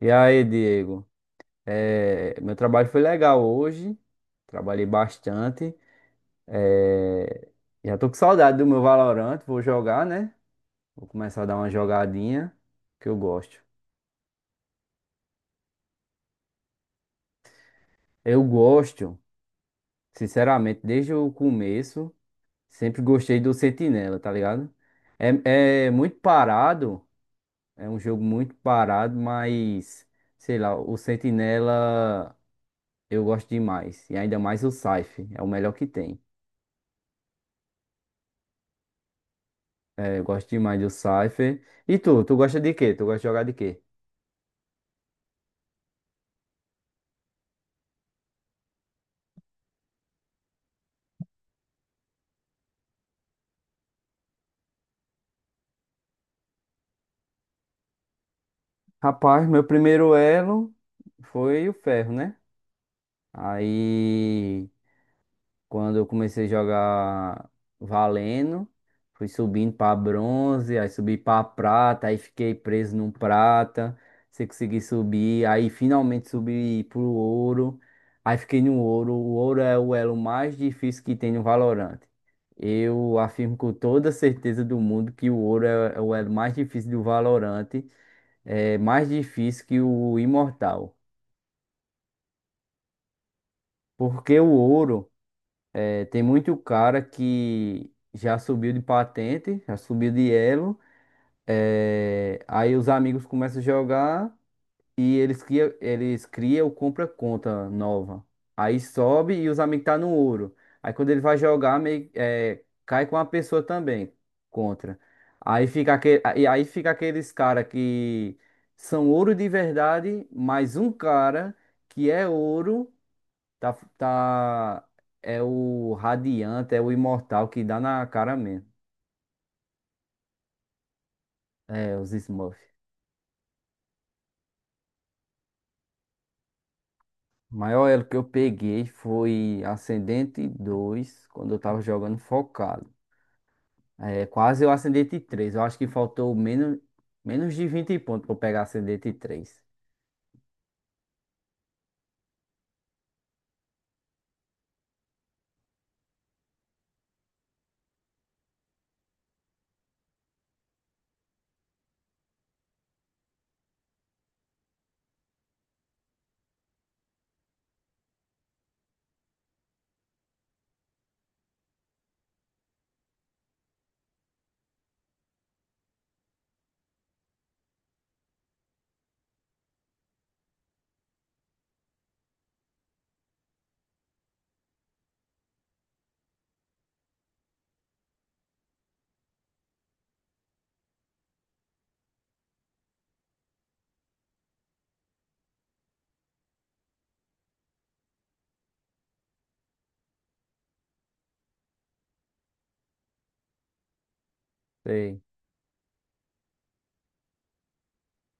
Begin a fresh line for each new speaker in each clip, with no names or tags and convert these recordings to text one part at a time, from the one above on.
E aí, Diego? É, meu trabalho foi legal hoje. Trabalhei bastante. É, já tô com saudade do meu Valorant. Vou jogar, né? Vou começar a dar uma jogadinha que eu gosto. Eu gosto, sinceramente, desde o começo, sempre gostei do Sentinela, tá ligado? É, é muito parado. É um jogo muito parado, mas sei lá, o Sentinela eu gosto demais. E ainda mais o Scythe, é o melhor que tem. É, eu gosto demais do Cypher. E tu gosta de quê? Tu gosta de jogar de quê? Rapaz, meu primeiro elo foi o ferro, né? Aí. Quando eu comecei a jogar valendo, fui subindo para bronze, aí subi para prata, aí fiquei preso no prata, se consegui subir, aí finalmente subi pro ouro, aí fiquei no ouro. O ouro é o elo mais difícil que tem no Valorant. Eu afirmo com toda certeza do mundo que o ouro é o elo mais difícil do Valorant, é mais difícil que o imortal, porque o ouro é, tem muito cara que já subiu de patente, já subiu de elo. É, aí os amigos começam a jogar e eles criam ou compra conta nova. Aí sobe e os amigos tá no ouro. Aí quando ele vai jogar, meio, é, cai com a pessoa também contra. Aí fica aquele, aí fica aqueles cara que são ouro de verdade, mais um cara que é ouro. Tá, tá, é o Radiante, é o Imortal que dá na cara mesmo. É, os Smurfs. O maior elo que eu peguei foi Ascendente 2 quando eu tava jogando focado. É, quase eu Ascendente três. Eu acho que faltou menos de 20 pontos pra eu pegar Ascendente três. Sei.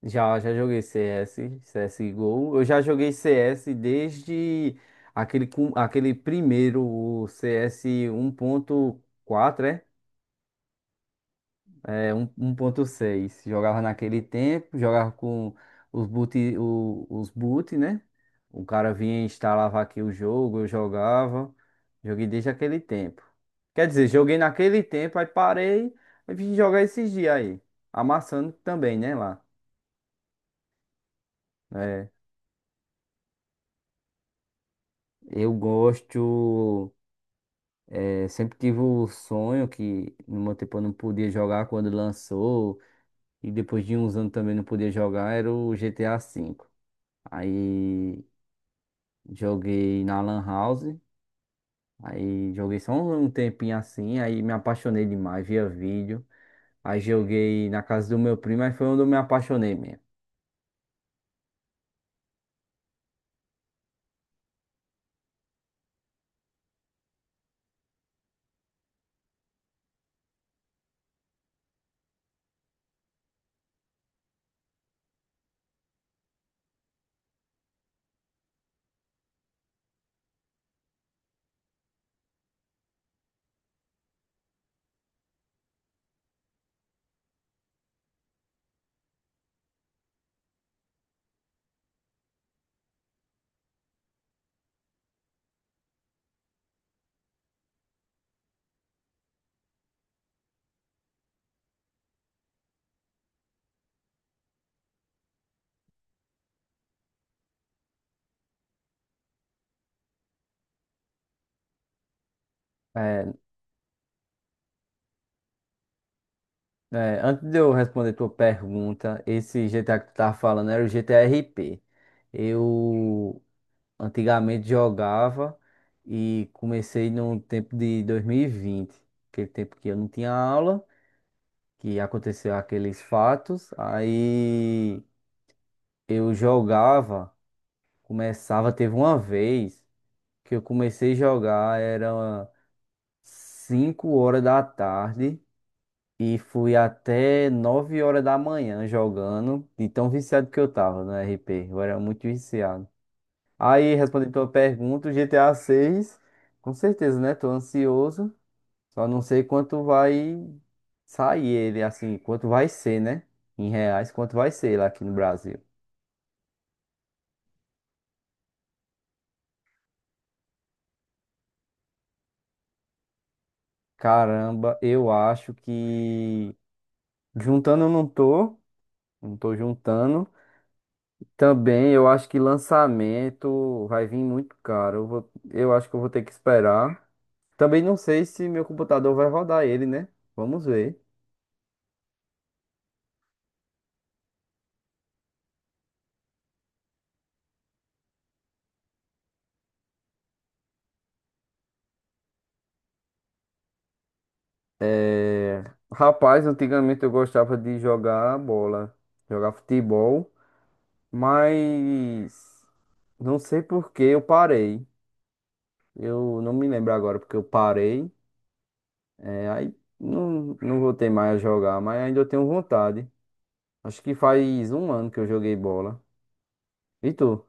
Já joguei CS, CSGO. Eu já joguei CS desde aquele, aquele primeiro, o CS quatro é? É, 1.6. Jogava naquele tempo, jogava com os boot, os boot, né? O cara vinha e instalava aqui o jogo, eu jogava. Joguei desde aquele tempo. Quer dizer, joguei naquele tempo, aí parei e vim jogar esses dias aí. Amassando também, né, lá. É, eu gosto. É, sempre tive o sonho que no meu tempo eu não podia jogar quando lançou. E depois de uns anos também não podia jogar, era o GTA 5. Aí joguei na Lan House. Aí joguei só um tempinho assim. Aí me apaixonei demais, via vídeo. Aí joguei na casa do meu primo. Aí foi onde eu me apaixonei mesmo. É, é, antes de eu responder tua pergunta, esse GTA que tu tava falando era o GTA RP. Eu antigamente jogava e comecei no tempo de 2020. Aquele tempo que eu não tinha aula, que aconteceu aqueles fatos. Aí eu jogava. Começava, teve uma vez que eu comecei a jogar, era 5 horas da tarde e fui até 9 horas da manhã jogando, de tão viciado que eu tava no RP, eu era muito viciado. Aí, respondendo tua pergunta, o GTA 6, com certeza, né? Tô ansioso, só não sei quanto vai sair ele, assim, quanto vai ser, né? Em reais, quanto vai ser lá aqui no Brasil. Caramba, eu acho que juntando eu não tô. Não tô juntando. Também eu acho que lançamento vai vir muito caro. Eu vou, eu acho que eu vou ter que esperar. Também não sei se meu computador vai rodar ele, né? Vamos ver. É... Rapaz, antigamente eu gostava de jogar bola, jogar futebol, mas não sei por que eu parei. Eu não me lembro agora porque eu parei. É, aí não, não voltei mais a jogar, mas ainda eu tenho vontade. Acho que faz um ano que eu joguei bola. E tu?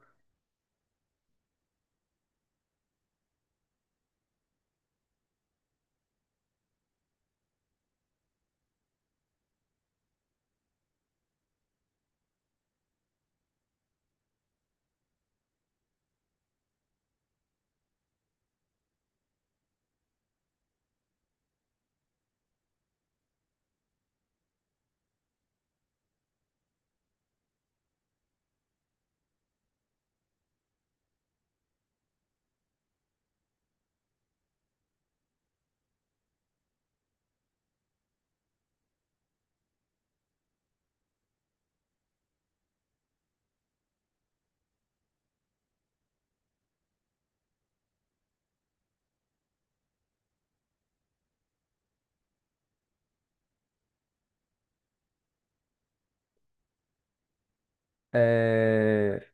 É,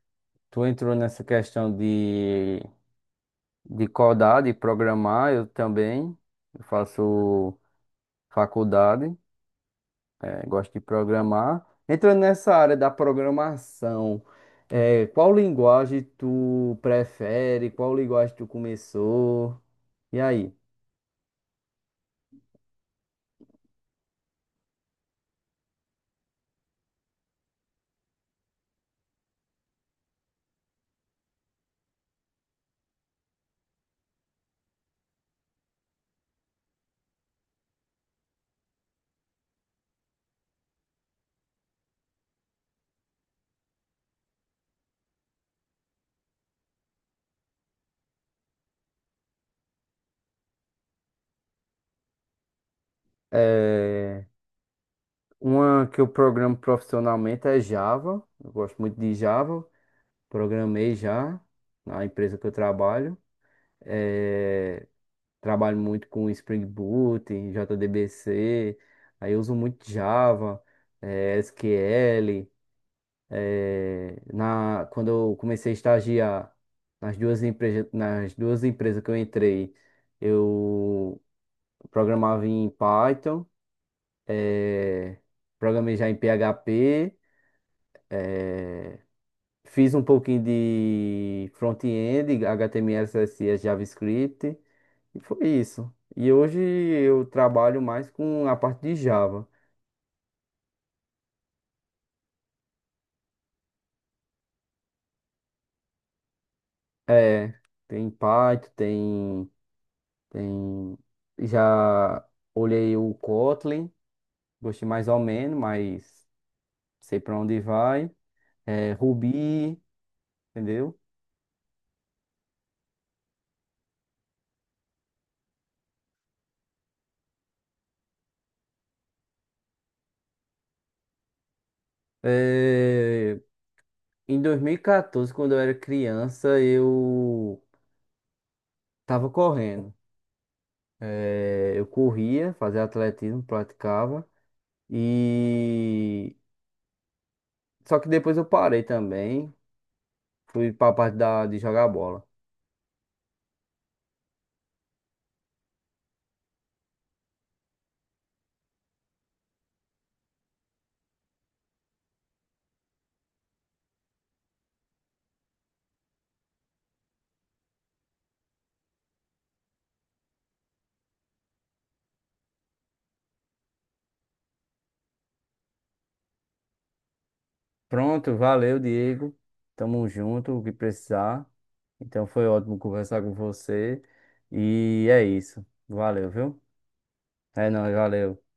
tu entrou nessa questão de codar, de programar, eu também. Eu faço faculdade, é, gosto de programar. Entrando nessa área da programação, é, qual linguagem tu prefere? Qual linguagem tu começou? E aí? É, uma que eu programo profissionalmente é Java. Eu gosto muito de Java. Programei já na empresa que eu trabalho. eh, Trabalho muito com Spring Boot, em JDBC, aí eu uso muito Java, SQL. Quando eu comecei a estagiar nas duas empresas que eu entrei, eu programava em Python, eh, programei já em PHP, fiz um pouquinho de front-end, HTML, CSS, JavaScript. E foi isso. E hoje eu trabalho mais com a parte de Java. É, tem Python, tem... Já olhei o Kotlin, gostei mais ou menos, mas sei para onde vai. É, Ruby, entendeu? É, em 2014, quando eu era criança, eu tava correndo. É, eu corria, fazia atletismo, praticava. E... Só que depois eu parei também. Fui pra parte da, de jogar bola. Pronto, valeu, Diego. Tamo junto, o que precisar. Então foi ótimo conversar com você. E é isso. Valeu, viu? É nóis, valeu.